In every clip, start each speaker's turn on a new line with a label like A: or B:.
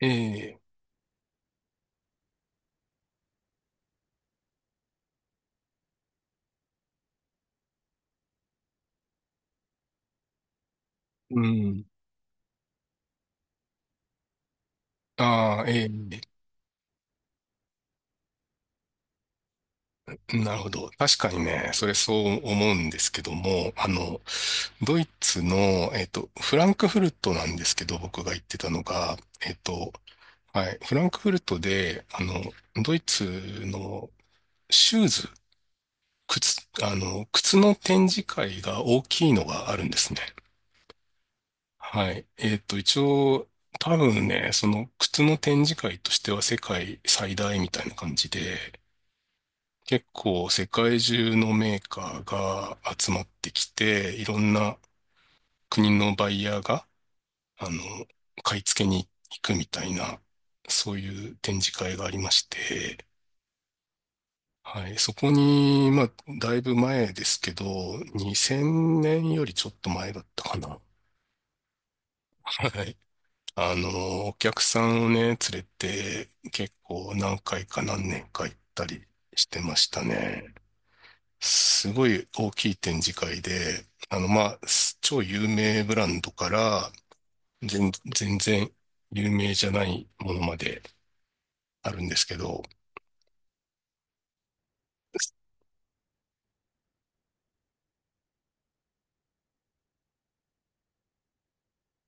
A: ええ、うん。ああ、ええ、なるほど。確かにね、それそう思うんですけども、ドイツの、フランクフルトなんですけど、僕が言ってたのが、えっと、はい、フランクフルトで、ドイツのシューズ、靴、靴の展示会が大きいのがあるんですね。はい。えっと、一応、多分ね、その靴の展示会としては世界最大みたいな感じで、結構世界中のメーカーが集まってきて、いろんな国のバイヤーが、あの、買い付けに行くみたいな、そういう展示会がありまして、はい、そこに、まあ、だいぶ前ですけど、2000年よりちょっと前だったかな。はい。お客さんをね、連れて、結構何回か何年か行ったりしてましたね。すごい大きい展示会で、まあ、超有名ブランドから、全然有名じゃないものまであるんですけど、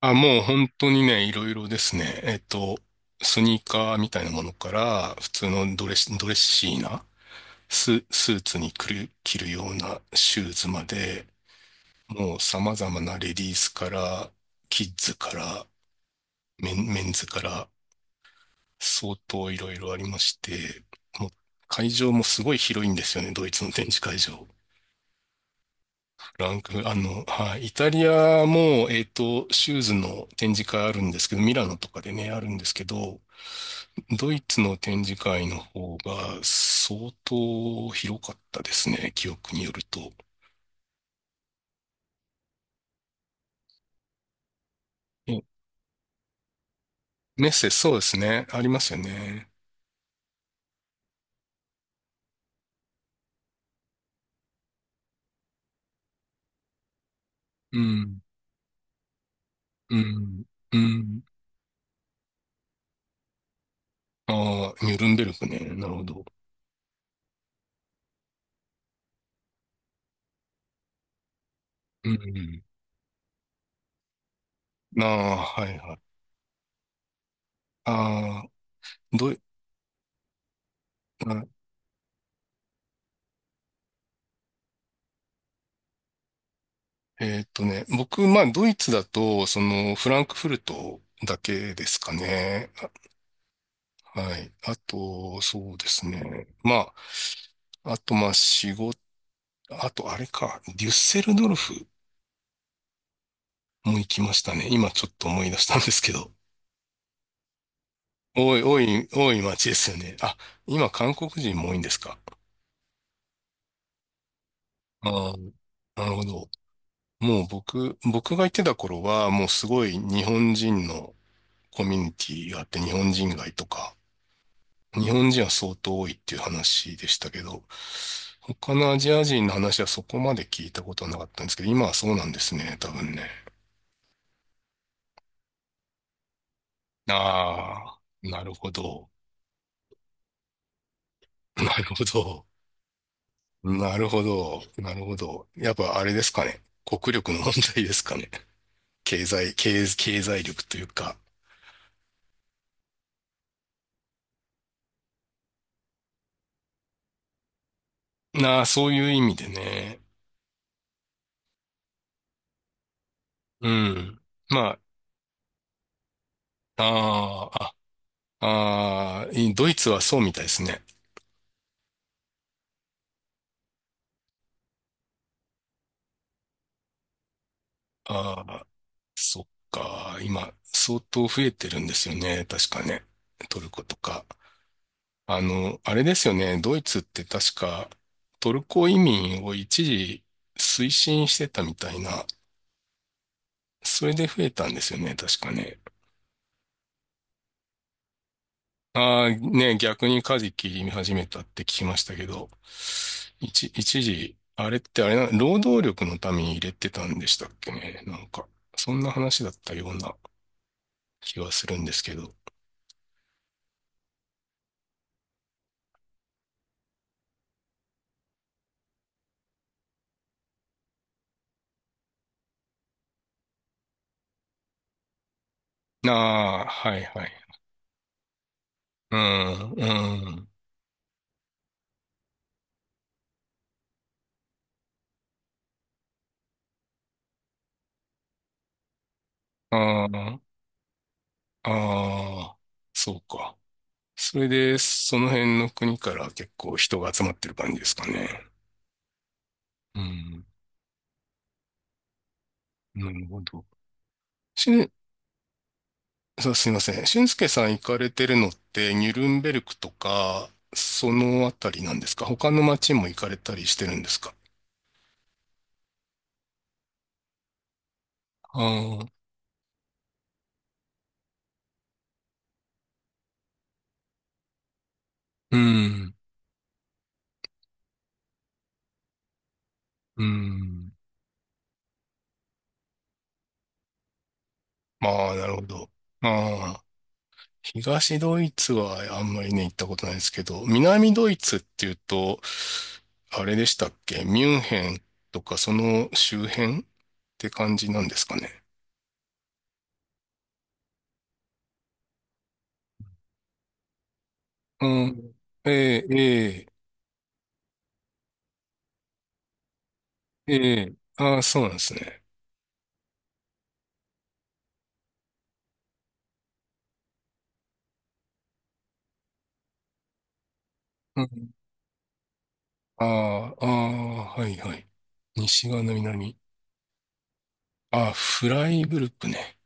A: あ、もう本当にね、いろいろですね。スニーカーみたいなものから、普通のドレス、ドレッシーなスーツに着るようなシューズまで、もう様々なレディースから、キッズから、メンズから、相当いろいろありまして、もう会場もすごい広いんですよね、ドイツの展示会場。ランク、あの、はい、イタリアも、シューズの展示会あるんですけど、ミラノとかでね、あるんですけど、ドイツの展示会の方が相当広かったですね、記憶によると。えメッセ、そうですね、ありますよね。うん、うん、うん。ああ、ニュルンベルクね、なるほど。うん、ああ、はいはい。ああ、どイ、まあえーっとね、僕、まあ、ドイツだと、その、フランクフルトだけですかね。あはい。あと、そうですね。まあ、あと、まあ、仕事、あと、あれか、デュッセルドルフも行きましたね。今、ちょっと思い出したんですけど。多い、多い、多い街ですよね。あ、今、韓国人も多いんですか。あーなるほど。もう僕が行ってた頃は、もうすごい日本人のコミュニティがあって、日本人街とか、日本人は相当多いっていう話でしたけど、他のアジア人の話はそこまで聞いたことはなかったんですけど、今はそうなんですね、多分ね。ああ、なるほど。なるほど。なるほど。なるほど。やっぱあれですかね。国力の問題ですかね。経済力というか。なあ、そういう意味でね。うん。まあ、ああ、ドイツはそうみたいですね。あそっか。今、相当増えてるんですよね。確かね。トルコとか。あの、あれですよね。ドイツって確かトルコ移民を一時推進してたみたいな。それで増えたんですよね。確かね。ああ、ね、逆にカジキ見始めたって聞きましたけど。一時、あれってあれな、労働力のために入れてたんでしたっけね。なんか、そんな話だったような気はするんですけど。ああ、はいはいはいうん、ん、ああああそうか。それで、その辺の国から結構人が集まってる感じですかね。うん、なるほど。しん、そうすいません。俊介さん行かれてるのって、ニュルンベルクとか、そのあたりなんですか？他の街も行かれたりしてるんですか？ああー、うん、うん。まあ、なるほど。ああ。東ドイツはあんまりね、行ったことないですけど、南ドイツっていうと、あれでしたっけ？ミュンヘンとかその周辺って感じなんですかね。うん。ええ、ええ、ええ。ああ、そうなんですね。うん。ああ、ああ、はいはい。西側の南。ああ、フライブルクね。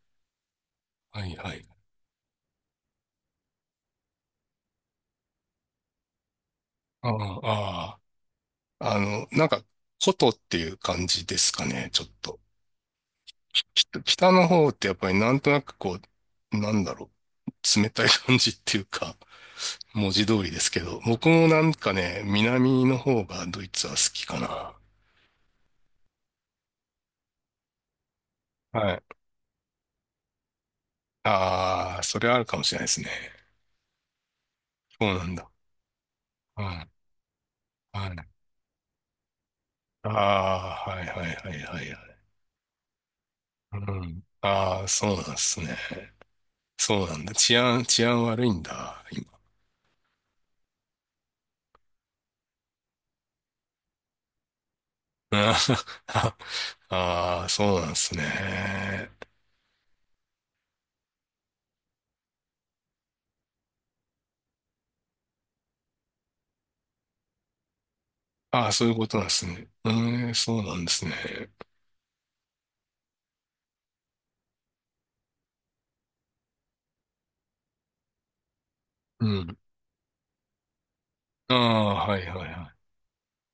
A: はいはい。ああ、ああ。あの、なんか、古都っていう感じですかね、ちょっと。ちょっと北の方ってやっぱりなんとなくう、なんだろ冷たい感じっていうか、文字通りですけど、僕もなんかね、南の方がドイツは好きかな。はい。ああ、それあるかもしれないですね。そうなんだ。うん。はい。ああ、はいはいはいはいはい。うん。ああ、そうなんですね。そうなんだ。治安悪いんだ、今。あー あー、そうなんですね。ああ、そういうことなんですね。うーん、そうなんですね。うん。ああ、はいはいは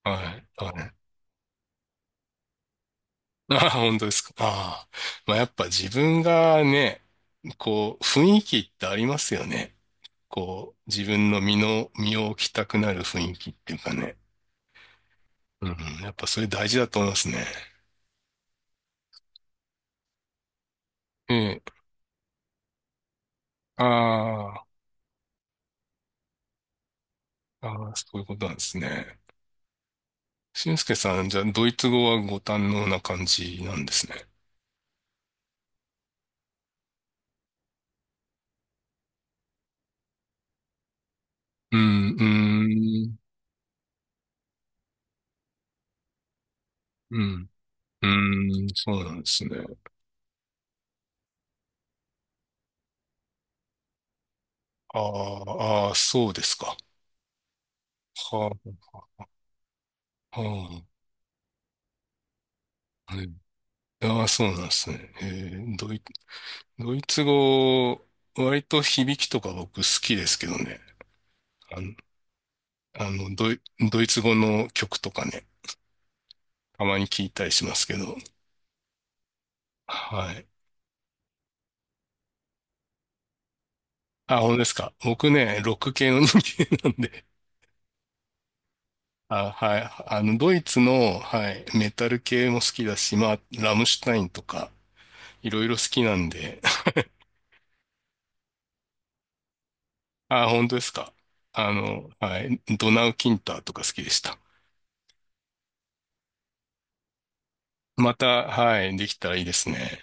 A: い。はい、はい。ああ、本当ですか。ああ。まあ、やっぱ自分がね、こう、雰囲気ってありますよね。こう、自分の身の、身を置きたくなる雰囲気っていうかね。うん、やっぱそれ大事だと思いますね。ええ。ああ、ああ、そういうことなんですね。俊介さん、じゃあ、ドイツ語はご堪能な感じなんですね。うん、うん、うん、うん、そうなんですね。ああ、ああ、そうですか。はあ、はあ、はい。ああ、そうなんですね。ードイ、ドイツ語、割と響きとか僕好きですけどね。あの、あのドイ、ドイツ語の曲とかね、たまに聞いたりしますけど。はい。あ、本当ですか。僕ね、ロック系の人間なんで。あ、はい。あの、ドイツの、はい、メタル系も好きだし、まあ、ラムシュタインとか、いろいろ好きなんで。あ、本当ですか。あの、はい、ドナウ・キンターとか好きでした。また、はい、できたらいいですね。